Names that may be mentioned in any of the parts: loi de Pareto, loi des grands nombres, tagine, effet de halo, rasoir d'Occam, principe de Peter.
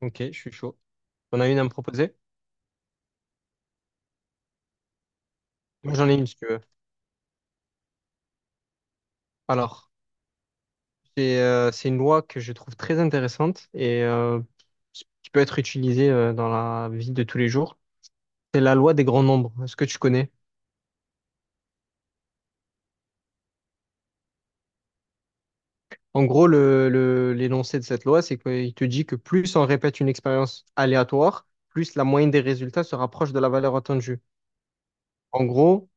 Ok, je suis chaud. On a une à me proposer? Moi, ouais, j'en ai une si tu veux. Alors, c'est une loi que je trouve très intéressante et qui peut être utilisée dans la vie de tous les jours. C'est la loi des grands nombres. Est-ce que tu connais? En gros, l'énoncé de cette loi, c'est qu'il te dit que plus on répète une expérience aléatoire, plus la moyenne des résultats se rapproche de la valeur attendue. En gros,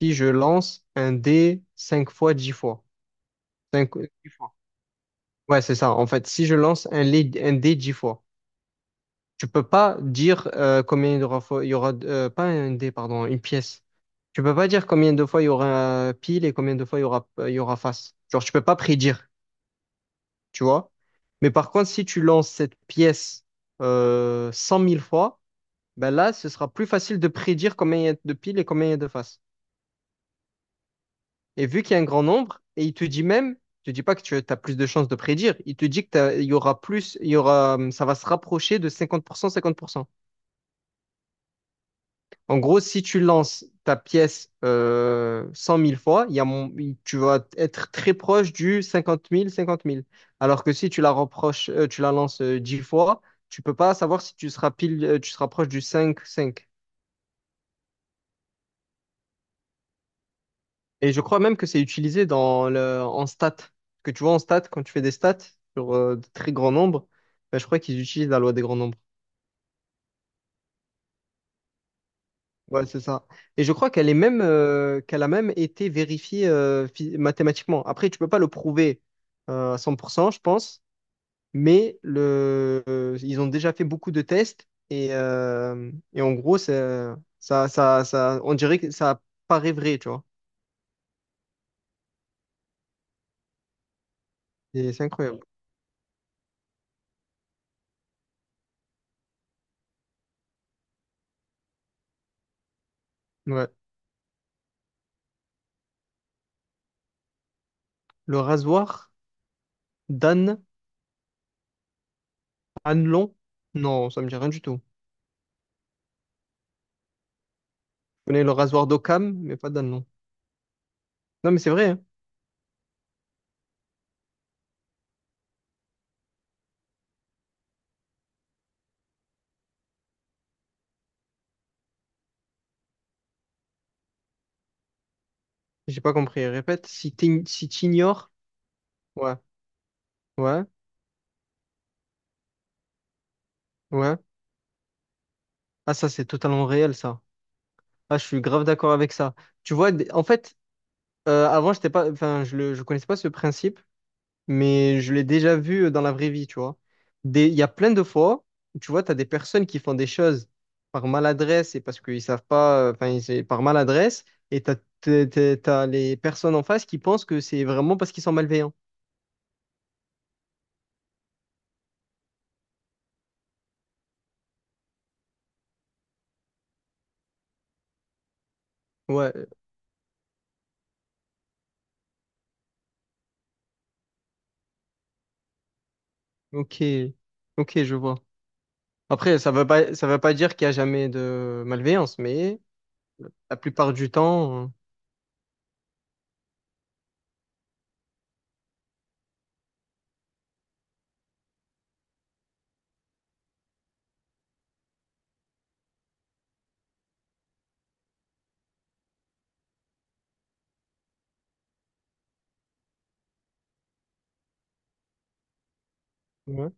si je lance un dé 5 fois 10 fois. 5 10 fois. Ouais, c'est ça. En fait, si je lance un dé 10 fois. Tu peux pas dire combien il y aura pas un dé, pardon, une pièce. Tu peux pas dire combien de fois il y aura pile et combien de fois il y aura face. Genre, tu peux pas prédire, tu vois. Mais par contre, si tu lances cette pièce 100 000 fois, ben là, ce sera plus facile de prédire combien il y a de piles et combien il y a de faces. Et vu qu'il y a un grand nombre, et il te dit même, il te dit pas que tu as plus de chances de prédire, il te dit que il y aura plus, il y aura, ça va se rapprocher de cinquante cinquante pour cent, 50%. En gros, si tu lances ta pièce 100 000 fois, il y a mon- il- tu vas être très proche du 50 000, 50 000. Alors que si tu la reproches, tu la lances 10 fois, tu peux pas savoir si tu seras pile, tu seras proche du 5 5. Et je crois même que c'est utilisé en stats. Que tu vois en stats, quand tu fais des stats sur de très grands nombres, ben, je crois qu'ils utilisent la loi des grands nombres. Ouais, c'est ça. Et je crois qu'elle a même été vérifiée mathématiquement. Après, tu peux pas le prouver à 100%, je pense, mais ils ont déjà fait beaucoup de tests et en gros, on dirait que ça paraît vrai, tu vois. Et c'est incroyable. Ouais. Le rasoir d'Anne, Anelon? Non, ça me dit rien du tout. Je connais le rasoir d'Occam, mais pas d'Anelon. Non, mais c'est vrai, hein. J'ai pas compris. Répète, si t'ignores. Ouais, ouais. Ouais. Ah, ça, c'est totalement réel, ça. Ah, je suis grave d'accord avec ça. Tu vois, en fait, avant, j'étais pas, enfin, je connaissais pas ce principe, mais je l'ai déjà vu dans la vraie vie, tu vois. Il y a plein de fois où, tu vois, tu as des personnes qui font des choses par maladresse et parce qu'ils savent pas, enfin, c'est par maladresse, et t'as les personnes en face qui pensent que c'est vraiment parce qu'ils sont malveillants. Ouais, ok, ok, je vois. Après, ça veut pas dire qu'il y a jamais de malveillance, mais la plupart du temps. euh,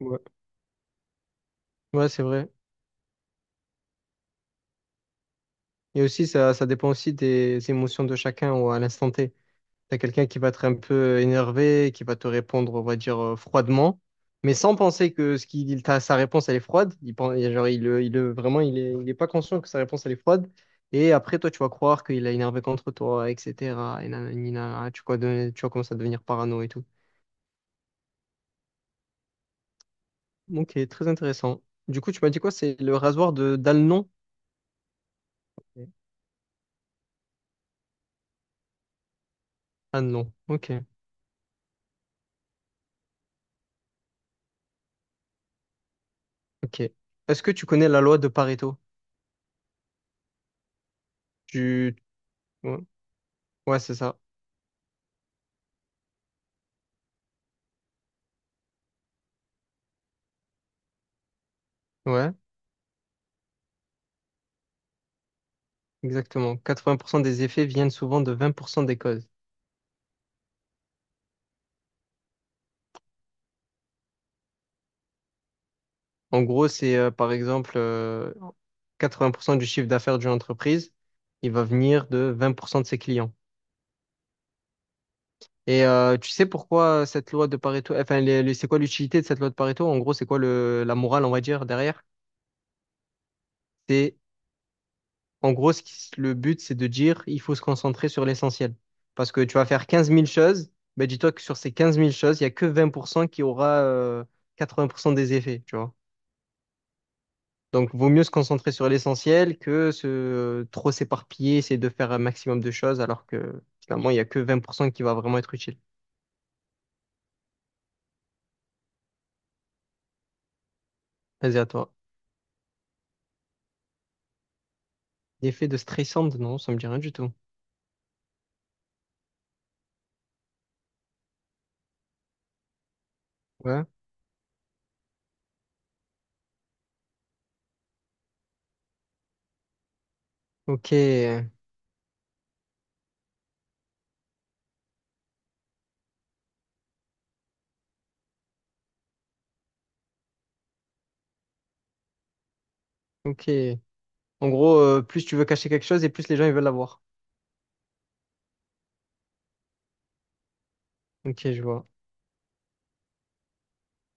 Ouais, ouais, c'est vrai. Et aussi, ça dépend aussi des émotions de chacun ou à l'instant T. T'as quelqu'un qui va être un peu énervé, qui va te répondre, on va dire, froidement, mais sans penser que sa réponse, elle est froide. Il pense, genre, vraiment, il est pas conscient que sa réponse, elle est froide. Et après, toi, tu vas croire qu'il a énervé contre toi, etc. Et nanani, nanana. Tu vas commencer à devenir parano et tout. Ok, très intéressant. Du coup, tu m'as dit quoi? C'est le rasoir de d'Alnon? Alnon. Ok, ok. Est-ce que tu connais la loi de Pareto? Tu... Ouais, ouais, c'est ça. Ouais, exactement. 80% des effets viennent souvent de 20% des causes. En gros, c'est par exemple 80% du chiffre d'affaires d'une entreprise, il va venir de 20% de ses clients. Et tu sais pourquoi cette loi de Pareto, enfin, c'est quoi l'utilité de cette loi de Pareto? En gros, c'est quoi la morale, on va dire, derrière? C'est En gros, le but, c'est de dire, il faut se concentrer sur l'essentiel. Parce que tu vas faire quinze mille choses, mais dis-toi que sur ces quinze mille choses, il n'y a que 20% qui aura 80% des effets, tu vois. Donc, vaut mieux se concentrer sur l'essentiel que se trop s'éparpiller, essayer de faire un maximum de choses, alors que finalement, il n'y a que 20% qui va vraiment être utile. Vas-y, à toi. L'effet de stressante, non, ça me dit rien du tout. Ouais. Ok, ok. En gros, plus tu veux cacher quelque chose et plus les gens ils veulent l'avoir. Ok, je vois.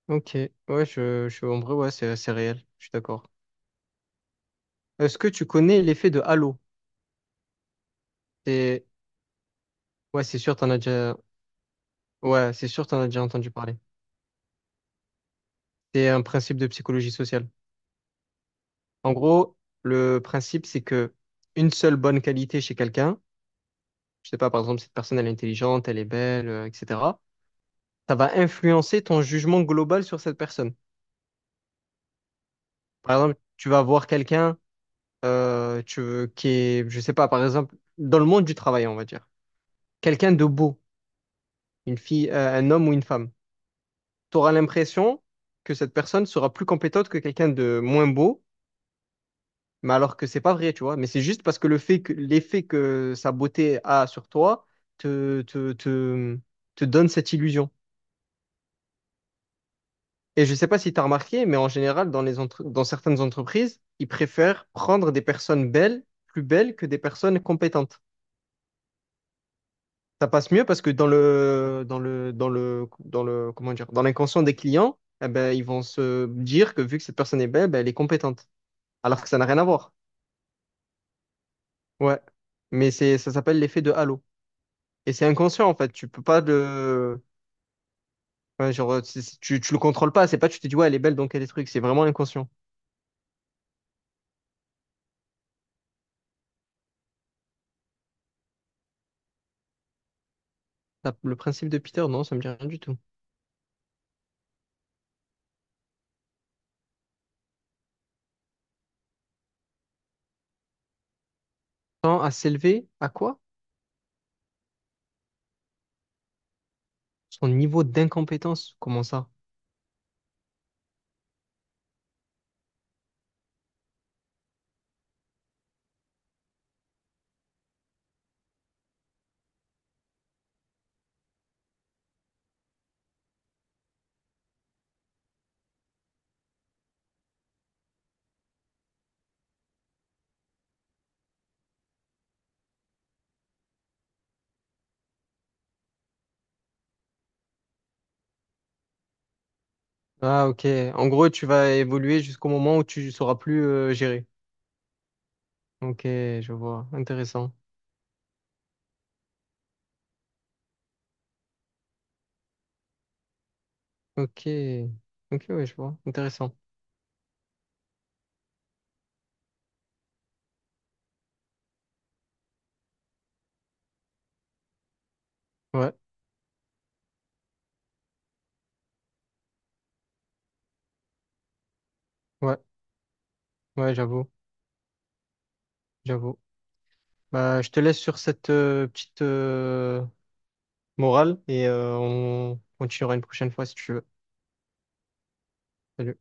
Ok, ouais, en vrai, ouais, c'est réel, je suis d'accord. Est-ce que tu connais l'effet de halo? C'est, ouais, c'est sûr, t'en as déjà, ouais, c'est sûr, t'en as déjà entendu parler. C'est un principe de psychologie sociale. En gros, le principe, c'est que une seule bonne qualité chez quelqu'un, je sais pas, par exemple, cette personne, elle est intelligente, elle est belle, etc., ça va influencer ton jugement global sur cette personne. Par exemple, tu vas voir quelqu'un, euh, tu, qui est, je sais pas, par exemple, dans le monde du travail, on va dire, quelqu'un de beau une fille, un homme ou une femme. Tu auras l'impression que cette personne sera plus compétente que quelqu'un de moins beau, mais alors que c'est pas vrai, tu vois. Mais c'est juste parce que le fait que l'effet que sa beauté a sur toi te, te, te, te donne cette illusion. Et je sais pas si tu as remarqué, mais en général, dans certaines entreprises, ils préfèrent prendre des personnes belles, plus belles que des personnes compétentes. Ça passe mieux parce que comment dire, dans l'inconscient des clients, eh ben, ils vont se dire que vu que cette personne est belle, ben, elle est compétente. Alors que ça n'a rien à voir. Ouais. Mais c'est, ça s'appelle l'effet de halo. Et c'est inconscient, en fait. Tu peux pas ouais, genre, tu le contrôles pas. C'est pas, tu te dis, ouais, elle est belle, donc elle est truc. C'est vraiment inconscient. Le principe de Peter, non, ça me dit rien du tout. Tend à s'élever à quoi? Son niveau d'incompétence. Comment ça? Ah, ok. En gros, tu vas évoluer jusqu'au moment où tu sauras plus gérer. Ok, je vois. Intéressant. Ok. Ok, ouais, je vois. Intéressant. Ouais, ouais, ouais, j'avoue, j'avoue. Bah, je te laisse sur cette petite morale et on continuera une prochaine fois si tu veux. Salut.